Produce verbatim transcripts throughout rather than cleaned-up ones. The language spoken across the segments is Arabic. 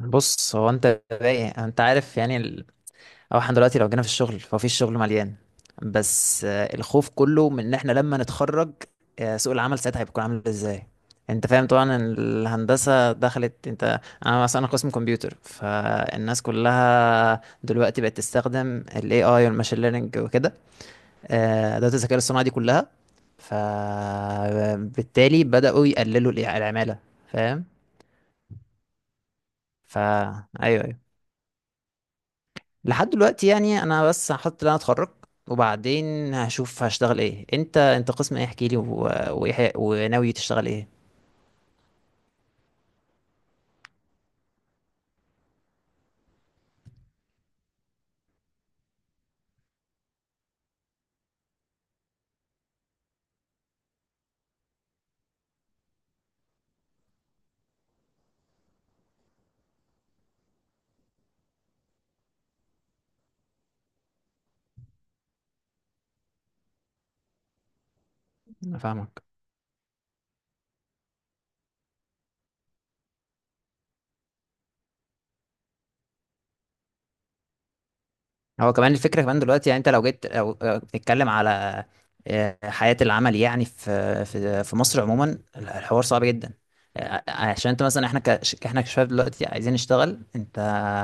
بص هو انت رايق، انت عارف يعني ال... او احنا دلوقتي لو جينا في الشغل فهو في الشغل مليان بس آه، الخوف كله من ان احنا لما نتخرج آه، سوق العمل ساعتها هيكون عامل ازاي. انت فاهم طبعا إن الهندسة دخلت، انت انا مثلا قسم كمبيوتر فالناس كلها دلوقتي بقت تستخدم ال إيه آي والماشين ليرنينج وكده، آه، ادوات الذكاء الاصطناعي دي كلها. فبالتالي بدأوا يقللوا الع- العمالة، فاهم؟ فا ايوه ايوه، لحد دلوقتي يعني انا بس هحط اللي انا اتخرج وبعدين هشوف هشتغل ايه. انت انت قسم ايه؟ احكي لي و... وايه وناوي تشتغل ايه. انا فاهمك. هو كمان الفكره كمان دلوقتي يعني انت لو جيت، لو لو بتتكلم على آه، حياه العمل يعني، في في في مصر عموما الحوار صعب جدا. آه، آه، عشان انت مثلا احنا ك... احنا كشباب دلوقتي عايزين نشتغل. انت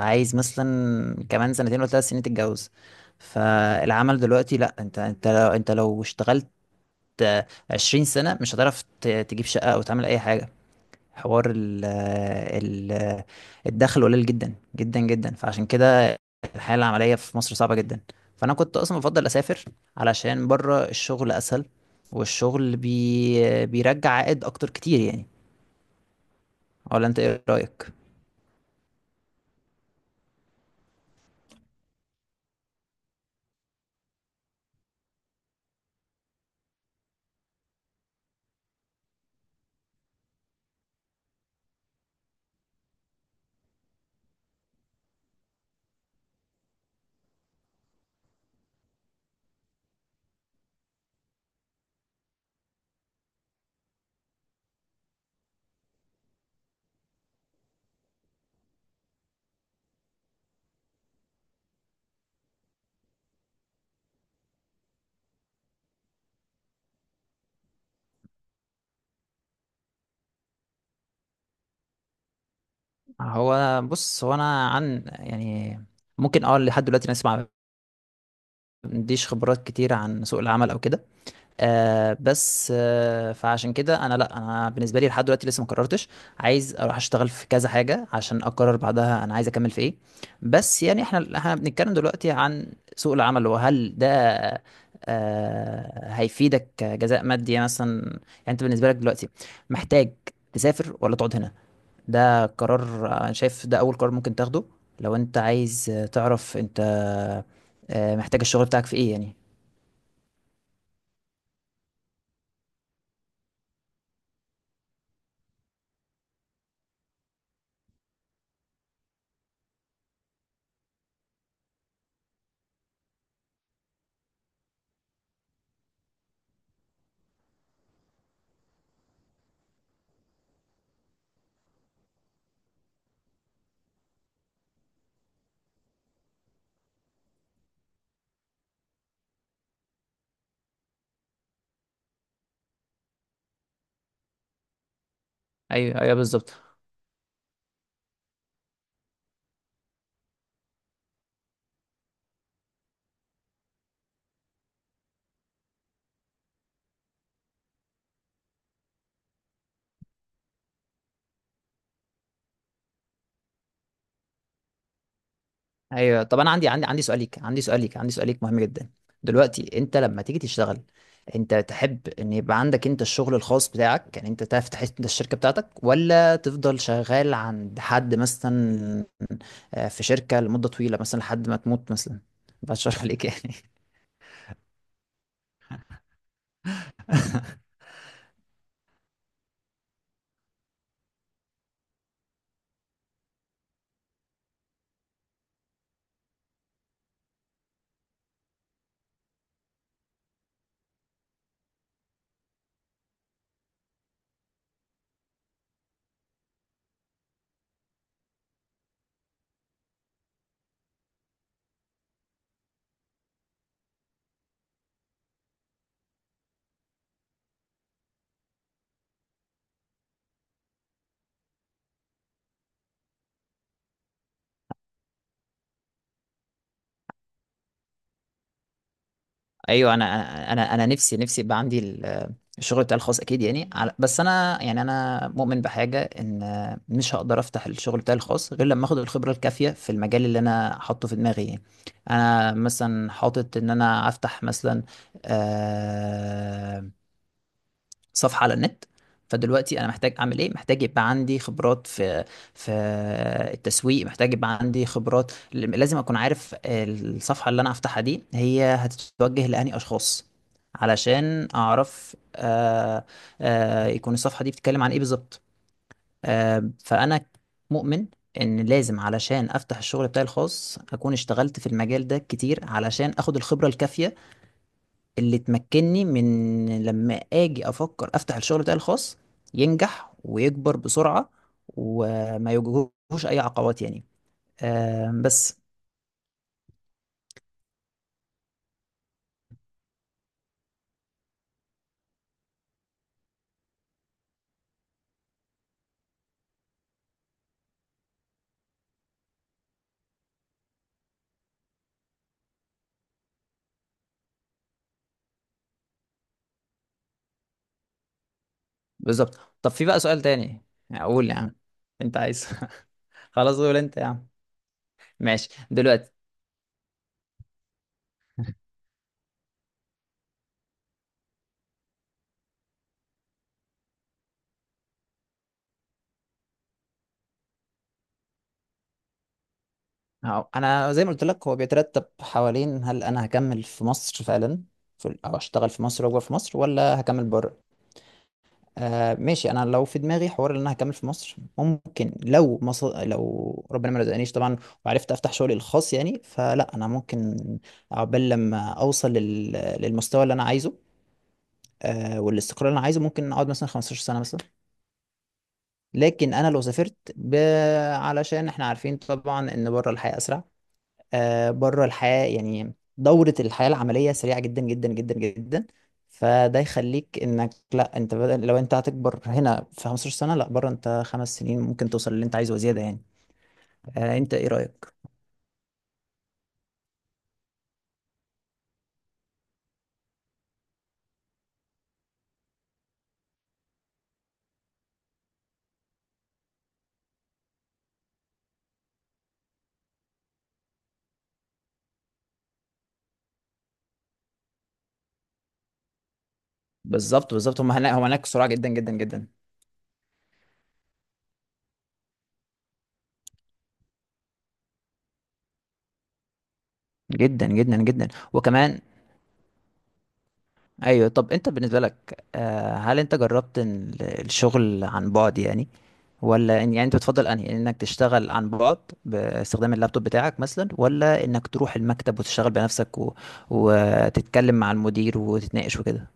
عايز مثلا كمان سنتين ولا ثلاث سنين تتجوز، فالعمل دلوقتي لا، انت انت لو انت لو اشتغلت عشرين سنة مش هتعرف ت- تجيب شقة أو تعمل أي حاجة. حوار ال ال الدخل قليل جدا جدا جدا، فعشان كده الحياة العملية في مصر صعبة جدا. فأنا كنت أصلا بفضل أسافر، علشان بره الشغل أسهل، والشغل بي بيرجع عائد أكتر كتير يعني. ولا أنت إيه رأيك؟ هو بص، هو أنا عن يعني ممكن أه لحد دلوقتي أنا أسمع ما عنديش خبرات كتير عن سوق العمل أو كده. آه بس آه فعشان كده انا، لا انا بالنسبه لي لحد دلوقتي لسه ما قررتش. عايز اروح اشتغل في كذا حاجه عشان اقرر بعدها انا عايز اكمل في ايه. بس يعني احنا احنا بنتكلم دلوقتي عن سوق العمل، وهل ده آه هيفيدك كجزاء مادي يعني، مثلا يعني انت بالنسبه لك دلوقتي محتاج تسافر ولا تقعد هنا؟ ده قرار، آه، انا شايف ده اول قرار ممكن تاخده لو انت عايز تعرف انت آه محتاج الشغل بتاعك في ايه يعني. ايوه ايوه بالظبط. ايوه طب انا عندي عندي عندي سؤال ليك، عندي سؤال ليك عندي سؤال ليك مهم جدا. دلوقتي انت لما تيجي تشتغل، انت تحب ان يبقى عندك انت الشغل الخاص بتاعك يعني، انت تفتح انت الشركه بتاعتك، ولا تفضل شغال عند حد مثلا آه، في شركه لمده طويله مثلا لحد ما تموت مثلا؟ بشرح عليك يعني. ايوه انا، انا انا أنا نفسي نفسي يبقى عندي ال- الشغل بتاعي الخاص اكيد يعني على- بس انا يعني انا مؤمن بحاجه ان مش هقدر افتح الشغل بتاعي الخاص غير لما اخد الخبره الكافيه في المجال اللي انا حاطه في دماغي يعني. انا مثلا حاطط ان انا افتح مثلا آه، صفحة على النت. فدلوقتي انا محتاج اعمل ايه؟ محتاج يبقى عندي خبرات في في التسويق، محتاج يبقى عندي خبرات، لازم اكون عارف الصفحة اللي انا هفتحها دي هي هتتوجه لأنهي اشخاص، علشان اعرف آه آه يكون الصفحة دي بتتكلم عن ايه بالظبط. آه فانا مؤمن ان لازم علشان افتح الشغل بتاعي الخاص اكون اشتغلت في المجال ده كتير، علشان اخد الخبرة الكافية اللي تمكنني من لما اجي افكر افتح الشغل بتاعي الخاص ينجح ويكبر بسرعة وما يواجهوش اي عقبات يعني. آه بس بالظبط. طب في بقى سؤال تاني اقول يا عم؟ انت عايز خلاص قول انت يا عم. ماشي دلوقتي. أهو، انا زي ما قلت لك هو بيترتب حوالين هل انا هكمل في مصر فعلا في- ال- او اشتغل في مصر واكبر في مصر، ولا هكمل بره. آه ماشي، انا لو في دماغي حوار ان انا هكمل في مصر، ممكن لو مصر لو ربنا ما رزقنيش طبعا وعرفت افتح شغلي الخاص يعني، فلا انا ممكن عقبال لما اوصل لل... للمستوى اللي انا عايزه آه والاستقرار اللي انا عايزه، ممكن اقعد مثلا خمسة عشر سنه مثلا. لكن انا لو سافرت ب... علشان احنا عارفين طبعا ان بره الحياه اسرع، آه، بره الحياة يعني دورة الحياة العملية سريعة جدا جدا جدا جدا. فده يخليك انك لا، انت بدل لو انت هتكبر هنا في خمسة عشر سنة، لا بره انت خمس سنين ممكن توصل للي انت عايزه وزيادة يعني. آه، انت ايه رأيك؟ بالظبط بالظبط، هم هناك هم هناك سرعة جدا جدا جدا جدا جدا جدا، وكمان ايوه. طب انت بالنسبه لك آه، هل انت جربت إن ال- الشغل عن بعد يعني، ولا إن يعني انت بتفضل انهي انك تشتغل عن بعد باستخدام اللابتوب بتاعك مثلا، ولا انك تروح المكتب وتشتغل بنفسك و... وتتكلم مع المدير وتتناقش وكده؟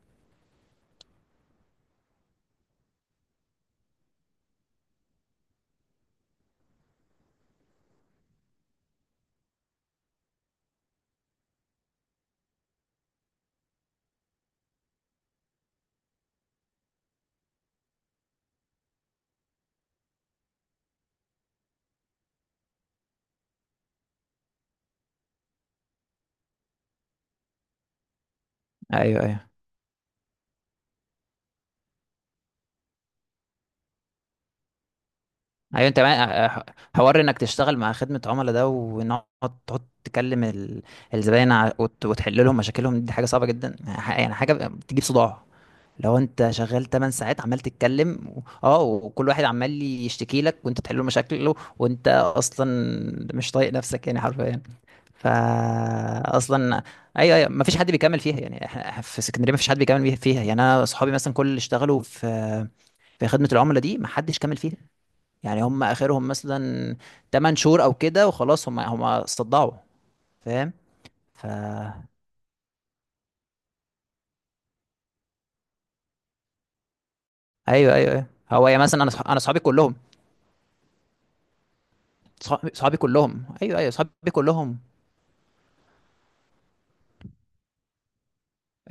ايوه ايوه ايوه. انت بقى- ح- حوار انك تشتغل مع خدمه عملاء ده، وان هو تقعد تكلم ال- الزباين ع- وت- وتحل لهم مشاكلهم، دي حاجه صعبه جدا يعني، ح- يعني حاجه بتجيب صداع. لو انت شغال تمانية ساعات عمال تتكلم و- اه وكل واحد عمال يشتكي لك وانت بتحل له مشاكله، وانت اصلا مش طايق نفسك يعني حرفيا. فا اصلا ايوه ايوه، ما فيش حد بيكمل فيها يعني، احنا إحنا في اسكندريه ما فيش حد بيكمل بيه- فيها يعني، انا اصحابي مثلا كل اللي اشتغلوا في في خدمه العملاء دي ما حدش كمل فيها. يعني هم اخرهم مثلا تمن شهور او كده وخلاص، هم هم استضاعوا فاهم؟ ف ايوه ايوه ايوه. هو يا مثلا انا صح... انا صحابي كلهم صحابي صحابي كلهم، ايوه ايوه، صحابي كلهم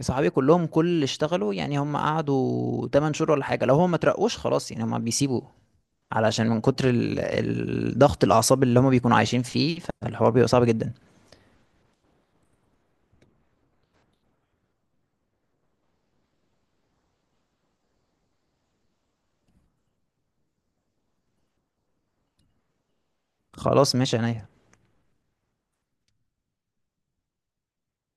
صحابي كلهم كل اللي اشتغلوا يعني، هم قعدوا تمن شهور ولا حاجه، لو هم ما ترقوش خلاص يعني هم بيسيبوا، علشان من كتر ال... الضغط، الاعصاب اللي هم بيكونوا عايشين فيه، فالحوار بيبقى صعب جدا. خلاص ماشي عينيا.